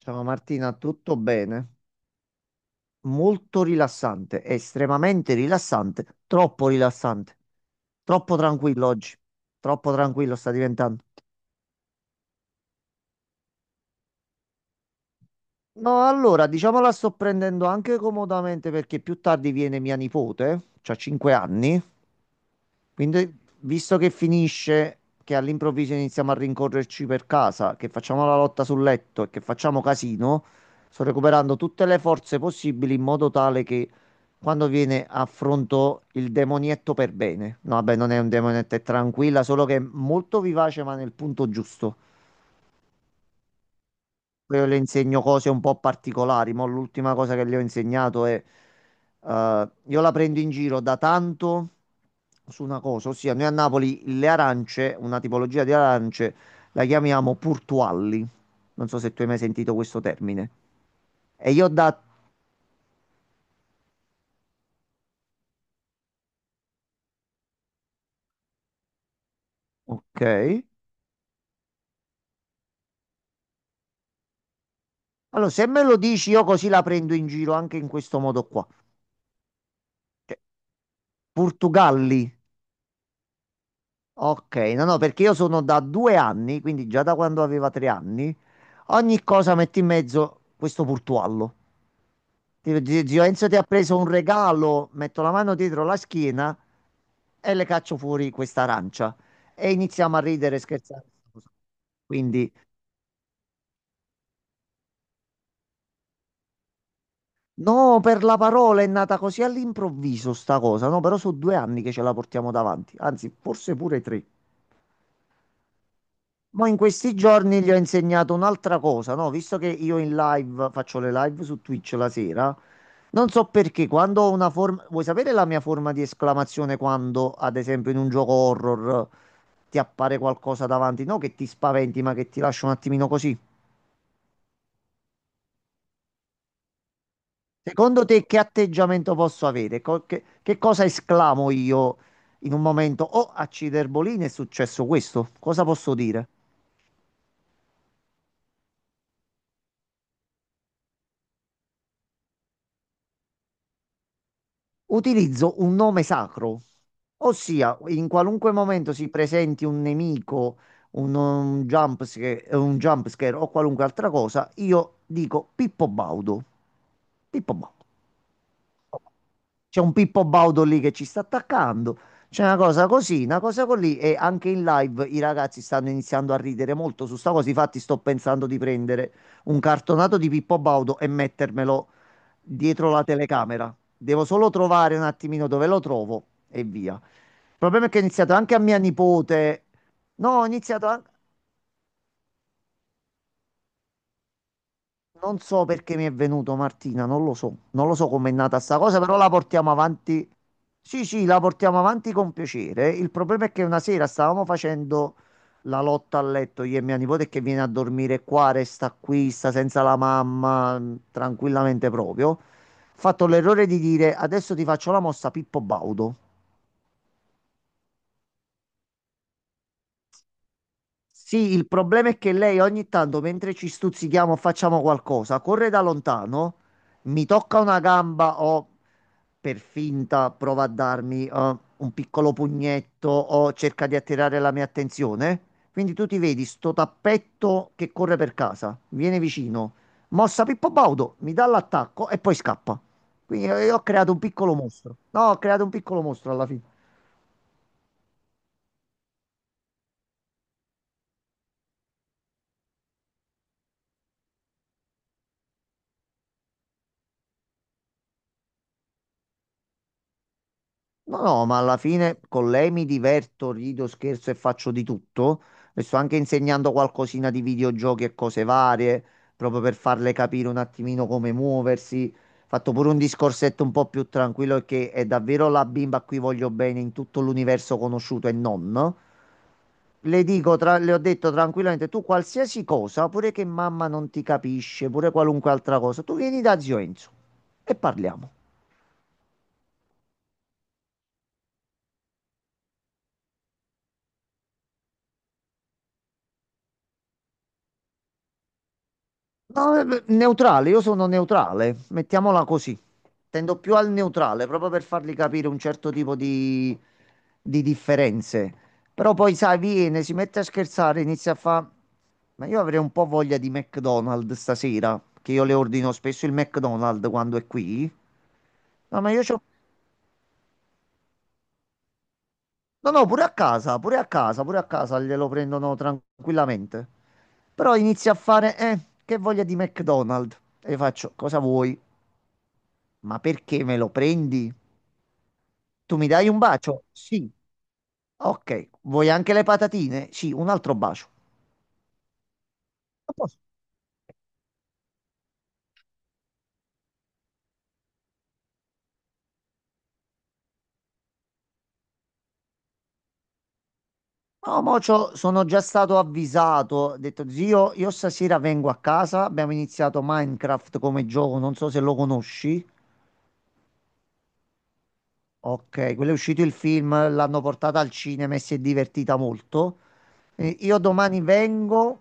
Ciao Martina, tutto bene? Molto rilassante, estremamente rilassante, troppo tranquillo oggi, troppo tranquillo sta diventando. No, allora, diciamo la sto prendendo anche comodamente perché più tardi viene mia nipote, c'ha 5 anni, quindi, visto che finisce, che all'improvviso iniziamo a rincorrerci per casa, che facciamo la lotta sul letto e che facciamo casino, sto recuperando tutte le forze possibili in modo tale che quando viene affronto il demonietto per bene. No, vabbè, non è un demonietto, è tranquilla, solo che è molto vivace, ma nel punto giusto. Poi io le insegno cose un po' particolari, ma l'ultima cosa che le ho insegnato è, io la prendo in giro da tanto su una cosa, ossia noi a Napoli le arance, una tipologia di arance, la chiamiamo purtualli. Non so se tu hai mai sentito questo termine. E io da. Ok. Allora, se me lo dici, io così la prendo in giro anche in questo modo qua. Cioè, Portugalli. Ok, no, no, perché io sono da 2 anni, quindi già da quando aveva 3 anni. Ogni cosa mette in mezzo questo portuallo. Dico, "zio Enzo ti ha preso un regalo, metto la mano dietro la schiena e le caccio fuori questa arancia." E iniziamo a ridere e scherzare. Quindi, no, per la parola è nata così all'improvviso sta cosa, no? Però sono 2 anni che ce la portiamo davanti, anzi, forse pure tre. Mo' in questi giorni gli ho insegnato un'altra cosa, no? Visto che io in live faccio le live su Twitch la sera, non so perché quando ho una forma. Vuoi sapere la mia forma di esclamazione quando, ad esempio, in un gioco horror ti appare qualcosa davanti? No, che ti spaventi, ma che ti lascia un attimino così. Secondo te, che atteggiamento posso avere? Che cosa esclamo io in un momento? Oh, a Ciderbolini è successo questo. Cosa posso dire? Utilizzo un nome sacro, ossia in qualunque momento si presenti un nemico, un jump scare, un jump scare o qualunque altra cosa, io dico Pippo Baudo. Pippo Baudo. C'è un Pippo Baudo lì che ci sta attaccando. C'è una cosa così e anche in live i ragazzi stanno iniziando a ridere molto su sta cosa. Infatti sto pensando di prendere un cartonato di Pippo Baudo e mettermelo dietro la telecamera. Devo solo trovare un attimino dove lo trovo e via. Il problema è che ho iniziato anche a mia nipote. No, ho iniziato. Non so perché mi è venuto Martina, non lo so, non lo so com'è nata sta cosa, però la portiamo avanti. Sì, sì, la portiamo avanti con piacere. Il problema è che una sera stavamo facendo la lotta a letto io e mia nipote che viene a dormire qua, resta qui, sta senza la mamma, tranquillamente proprio. Ho fatto l'errore di dire adesso ti faccio la mossa Pippo Baudo. Sì, il problema è che lei ogni tanto, mentre ci stuzzichiamo, facciamo qualcosa, corre da lontano, mi tocca una gamba o per finta prova a darmi un piccolo pugnetto o cerca di attirare la mia attenzione. Quindi tu ti vedi sto tappetto che corre per casa, viene vicino, mossa Pippo Baudo, mi dà l'attacco e poi scappa. Quindi io ho creato un piccolo mostro. No, ho creato un piccolo mostro alla fine. No, no, ma alla fine con lei mi diverto, rido, scherzo e faccio di tutto. Le sto anche insegnando qualcosina di videogiochi e cose varie, proprio per farle capire un attimino come muoversi. Fatto pure un discorsetto un po' più tranquillo perché è davvero la bimba a cui voglio bene in tutto l'universo conosciuto e non. Le dico, le ho detto tranquillamente, tu qualsiasi cosa, pure che mamma non ti capisce, pure qualunque altra cosa, tu vieni da zio Enzo e parliamo. No, neutrale, io sono neutrale, mettiamola così. Tendo più al neutrale, proprio per fargli capire un certo tipo di, differenze. Però poi, sai, viene, si mette a scherzare, inizia a fa. Ma io avrei un po' voglia di McDonald's stasera, che io le ordino spesso il McDonald's quando è qui. No, ma io c'ho. No, no, pure a casa, pure a casa, pure a casa glielo prendono tranquillamente. Però inizia a fare, che voglia di McDonald's. E faccio, cosa vuoi? Ma perché me lo prendi? Tu mi dai un bacio? Sì. Ok. Vuoi anche le patatine? Sì, un altro bacio. A posto. No, mo sono già stato avvisato. Ho detto, zio, io stasera vengo a casa. Abbiamo iniziato Minecraft come gioco. Non so se lo conosci. Ok, quello è uscito il film, l'hanno portata al cinema e si è divertita molto. Io domani vengo.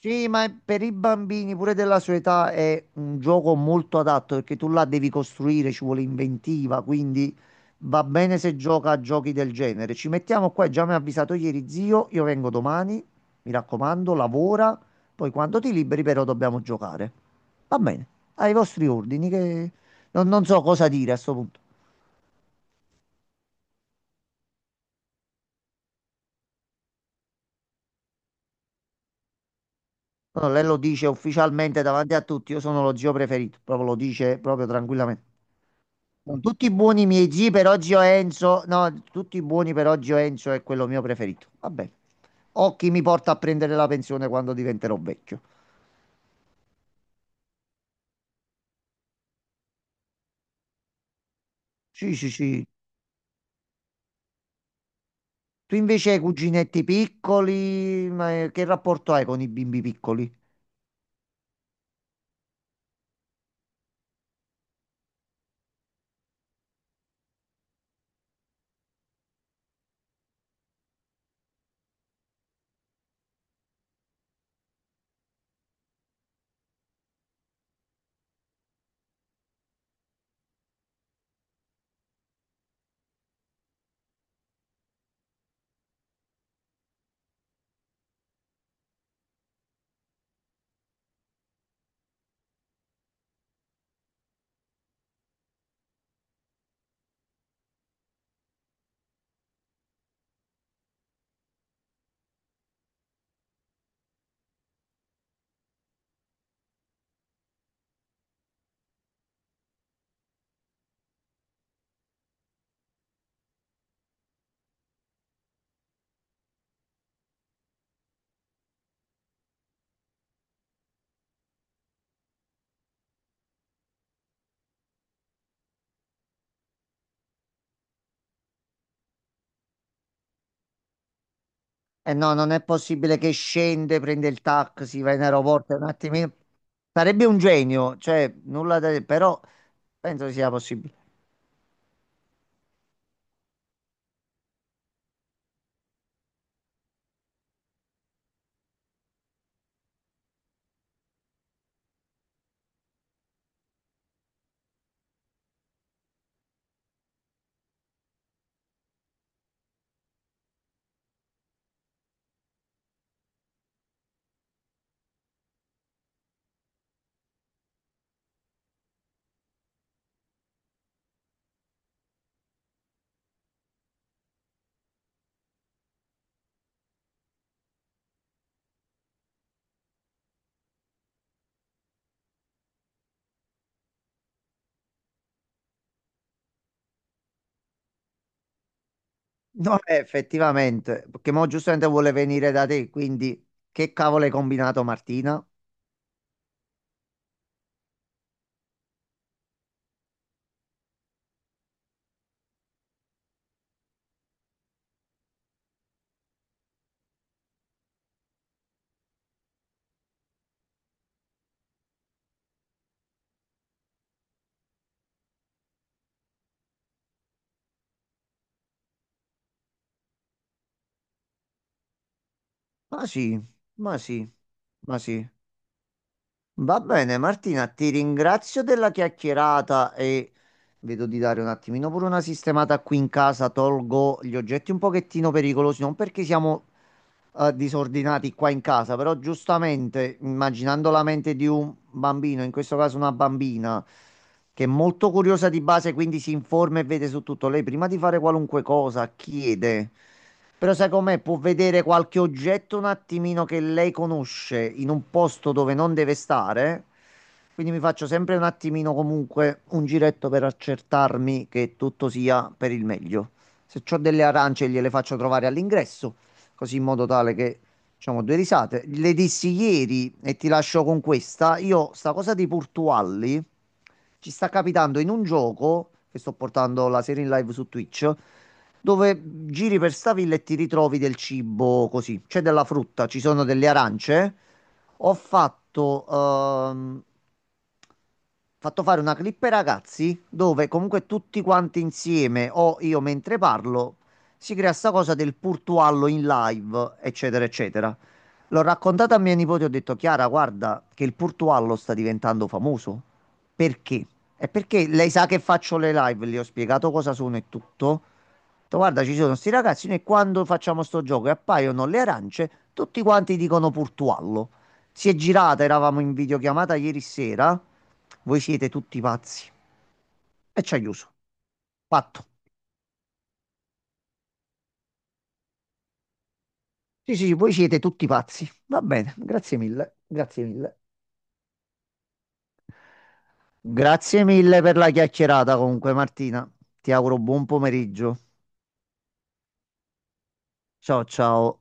Sì, ma per i bambini pure della sua età è un gioco molto adatto perché tu la devi costruire, ci vuole inventiva, quindi va bene se gioca a giochi del genere. Ci mettiamo qua, già mi ha avvisato ieri zio, io vengo domani, mi raccomando, lavora, poi quando ti liberi però dobbiamo giocare. Va bene, ai vostri ordini che non so cosa dire a sto punto. No, lei lo dice ufficialmente davanti a tutti, io sono lo zio preferito, proprio lo dice proprio tranquillamente. Con tutti i buoni miei zii per oggi ho Enzo. No, tutti i buoni per oggi ho Enzo è quello mio preferito. Vabbè. Ho chi mi porta a prendere la pensione quando diventerò vecchio. Sì, sì, sì. Tu invece hai cuginetti piccoli, ma che rapporto hai con i bimbi piccoli? Eh no, non è possibile che scende, prende il taxi, va in aeroporto un attimino. Sarebbe un genio, cioè nulla da. Però penso sia possibile. No, effettivamente, perché mo giustamente vuole venire da te, quindi che cavolo hai combinato Martina? Ma sì, ma sì, ma sì. Va bene Martina, ti ringrazio della chiacchierata e vedo di dare un attimino pure una sistemata qui in casa, tolgo gli oggetti un pochettino pericolosi, non perché siamo disordinati qua in casa, però giustamente immaginando la mente di un bambino, in questo caso una bambina, che è molto curiosa di base, quindi si informa e vede su tutto, lei prima di fare qualunque cosa chiede. Però sai com'è? Può vedere qualche oggetto un attimino che lei conosce in un posto dove non deve stare. Quindi mi faccio sempre un attimino comunque un giretto per accertarmi che tutto sia per il meglio. Se ho delle arance gliele faccio trovare all'ingresso così in modo tale che diciamo due risate. Le dissi ieri e ti lascio con questa, io sta cosa di Portualli ci sta capitando in un gioco che sto portando la serie in live su Twitch dove giri per sta villa e ti ritrovi del cibo così, c'è della frutta, ci sono delle arance. Ho fatto fare una clip ai ragazzi dove comunque tutti quanti insieme o io mentre parlo si crea sta cosa del Purtuallo in live, eccetera, eccetera. L'ho raccontata a mia nipote, ho detto, Chiara, guarda che il Purtuallo sta diventando famoso. Perché? È perché lei sa che faccio le live, le ho spiegato cosa sono e tutto. Ho detto, guarda, ci sono sti ragazzi, noi quando facciamo sto gioco e appaiono le arance, tutti quanti dicono Purtuallo. Si è girata, eravamo in videochiamata ieri sera, voi siete tutti pazzi. E ci ha chiuso. Fatto. Sì, sì, sì, voi siete tutti pazzi. Va bene, grazie mille, grazie mille. Grazie mille per la chiacchierata comunque, Martina. Ti auguro buon pomeriggio. Ciao, ciao.